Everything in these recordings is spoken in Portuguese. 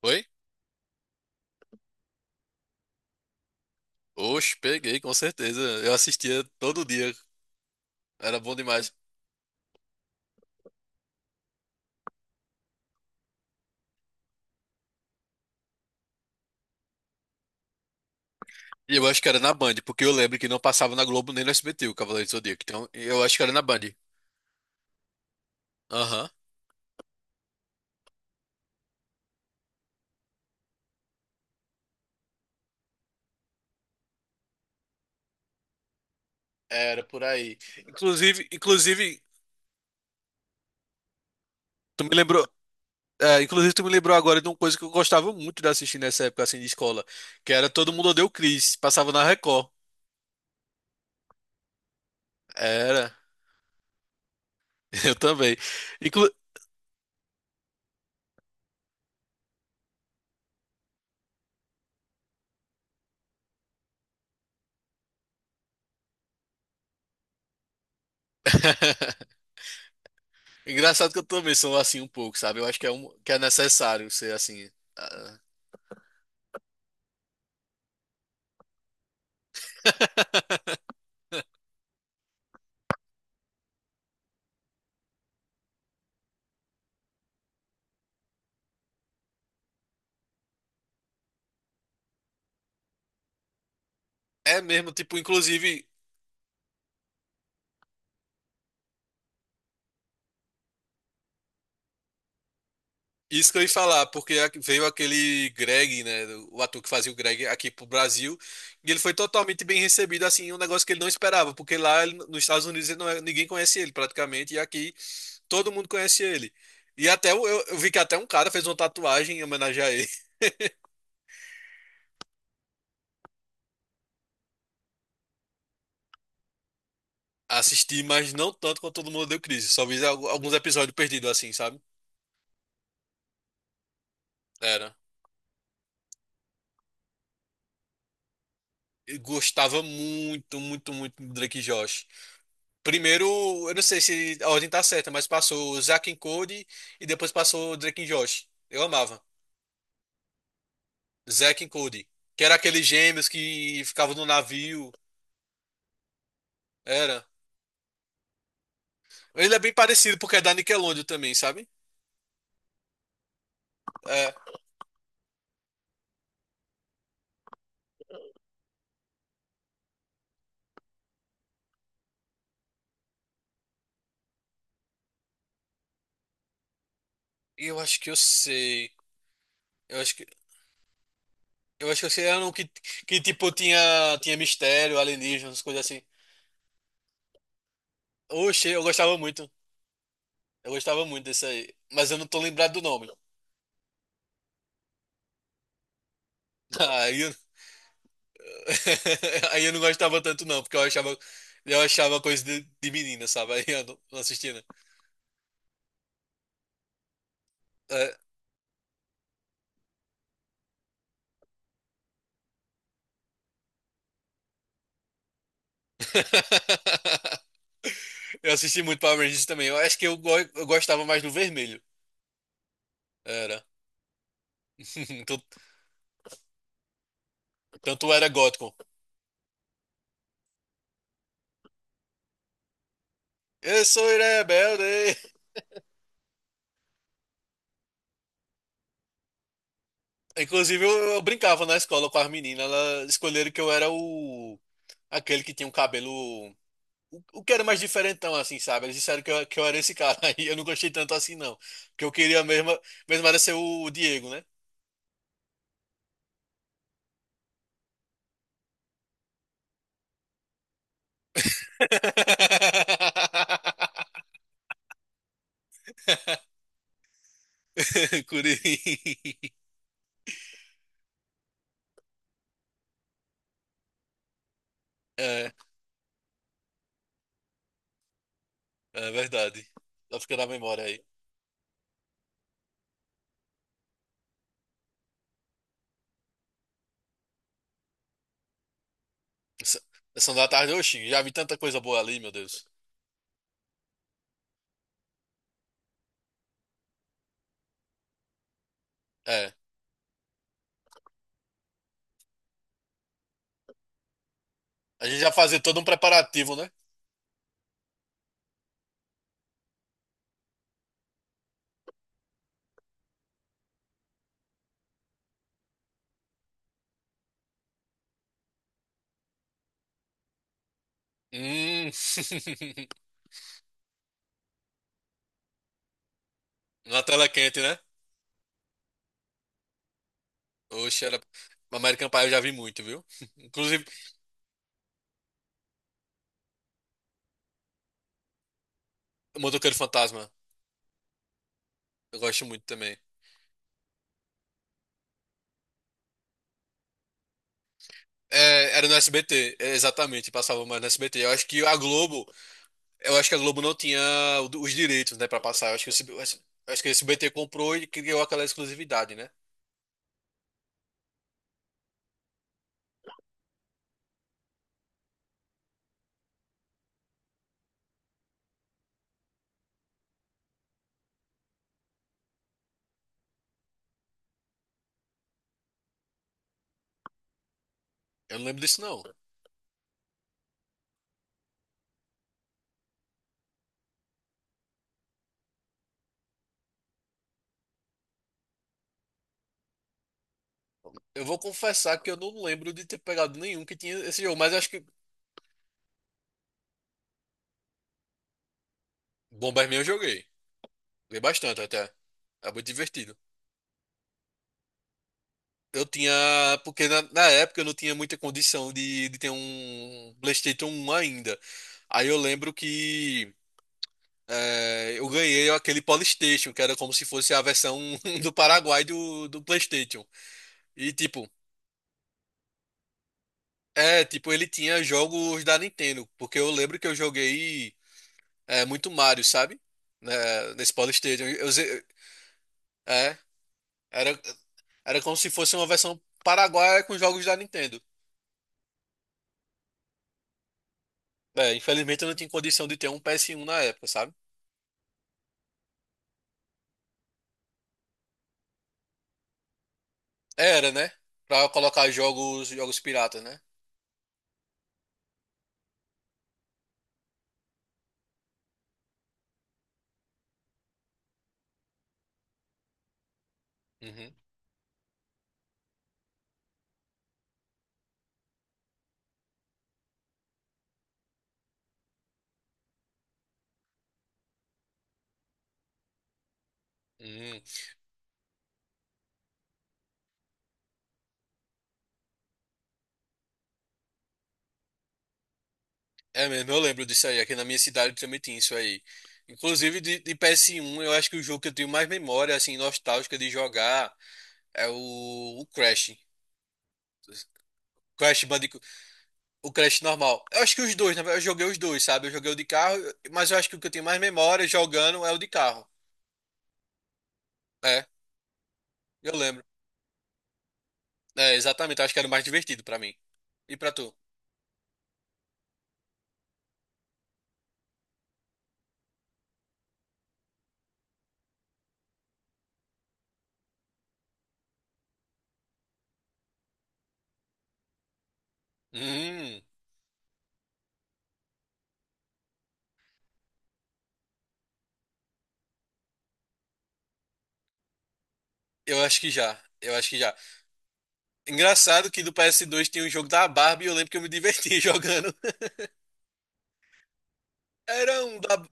Foi? Oxe, peguei, com certeza. Eu assistia todo dia. Era bom demais. E eu acho que era na Band, porque eu lembro que não passava na Globo nem no SBT, o Cavaleiro do Zodíaco. Então, eu acho que era na Band. Aham. Era por aí. Inclusive, tu me lembrou. Inclusive, tu me lembrou agora de uma coisa que eu gostava muito de assistir nessa época assim de escola, que era Todo Mundo Odeia o Chris, passava na Record. Era, eu também. Inclu... Engraçado que eu também sou assim um pouco, sabe? Eu acho que é necessário ser assim. Ah. É mesmo, tipo, inclusive, isso que eu ia falar, porque veio aquele Greg, né, o ator que fazia o Greg aqui pro Brasil, e ele foi totalmente bem recebido, assim, um negócio que ele não esperava, porque lá nos Estados Unidos ele não é- ninguém conhece ele praticamente, e aqui todo mundo conhece ele. E até eu vi que até um cara fez uma tatuagem em homenagem a ele. Assisti, mas não tanto quanto todo mundo deu crise, só vi alguns episódios perdidos, assim, sabe? Era. Eu gostava muito, muito do Drake e Josh. Primeiro, eu não sei se a ordem tá certa, mas passou o Zack and Cody e depois passou o Drake and Josh. Eu amava. Zack and Cody. Que era aqueles gêmeos que ficavam no navio. Era. Ele é bem parecido porque é da Nickelodeon também, sabe? É. Eu acho que eu sei. Eu acho que eu acho que eu sei. Era um que tipo tinha mistério, alienígenas, coisas assim. Oxe, eu gostava muito. Eu gostava muito desse aí. Mas eu não tô lembrado do nome. Aí eu Aí eu não gostava tanto, não, porque eu achava coisa de menina, sabe? Aí eu não assistia, não. É. Eu assisti muito Power Rangers também. Eu acho que eu gostava mais do vermelho. Era. Tu- Tanto era gótico. Eu sou rebelde. Inclusive, eu brincava na escola com as meninas. Elas escolheram que eu era o. Aquele que tinha um cabelo. O que era mais diferentão, assim, sabe? Eles disseram que eu era esse cara. Aí eu não gostei tanto assim, não. Porque eu queria mesmo era ser o Diego, né? Curi. É, é verdade. Tá ficando na memória aí. Essa- Sessão da tarde, oxi, já vi tanta coisa boa ali, meu Deus. É. A gente já fazia todo um preparativo, né? Hum. Na tela quente, né? Oxe, era. American Pie eu já vi muito, viu? Inclusive, Motoqueiro Fantasma. Eu gosto muito também. É, era no SBT, é, exatamente, passava mais no SBT. Eu acho que a Globo. Eu acho que a Globo não tinha os direitos, né, pra passar. Eu acho que o SB, eu acho que o SBT comprou e criou aquela exclusividade, né? Eu não lembro disso, não. Eu vou confessar que eu não lembro de ter pegado nenhum que tinha esse jogo, mas eu acho que. Bomberman eu joguei. Joguei bastante até. Era muito divertido. Eu tinha. Porque na época eu não tinha muita condição de ter um PlayStation um ainda. Aí eu lembro que. Eu ganhei aquele Polystation, que era como se fosse a versão do Paraguai do PlayStation. E tipo, É, tipo, ele tinha jogos da Nintendo, porque eu lembro que eu joguei muito Mario, sabe? Né, nesse Polystation. Eu, ze- é, era, era como se fosse uma versão paraguaia com jogos da Nintendo. É, infelizmente eu não tinha condição de ter um PS1 na época, sabe? Era, né? Pra colocar jogos, jogos piratas, né? Uhum. Uhum. É mesmo, eu lembro disso aí. Aqui na minha cidade também tinha isso aí. Inclusive de PS1, eu acho que o jogo que eu tenho mais memória, assim, nostálgica de jogar é o Crash. Crash Bandicoot, o Crash normal. Eu acho que os dois, na verdade, eu joguei os dois, sabe? Eu joguei o de carro, mas eu acho que o que eu tenho mais memória jogando é o de carro. É, eu lembro. É, exatamente, eu acho que era o mais divertido pra mim. E pra tu? Hum, eu acho que já. Eu acho que já. Engraçado que do PS2 tinha um jogo da Barbie e eu lembro que eu me diverti jogando. Era um da.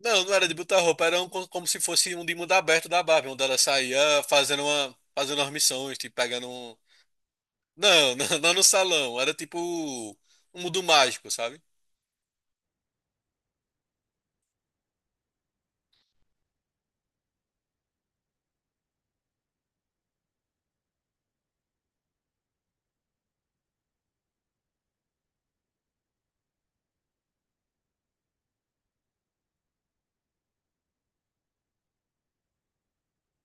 Não, não era de botar roupa, era um como se fosse um de mundo aberto da Barbie, onde ela saía fazendo umas missões, tipo, pegando um. Não, não, não no salão. Era tipo um mundo mágico, sabe?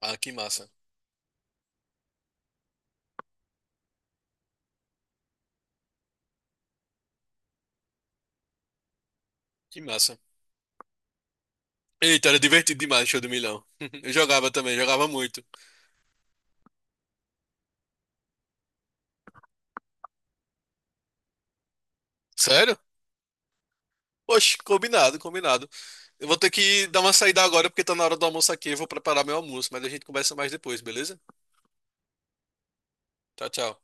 Ah, que massa. Que massa. Eita, era divertido demais, show do milhão. Eu jogava também, jogava muito. Sério? Oxe, combinado, combinado. Eu vou ter que dar uma saída agora porque tá na hora do almoço aqui. Eu vou preparar meu almoço, mas a gente conversa mais depois, beleza? Tchau, tchau.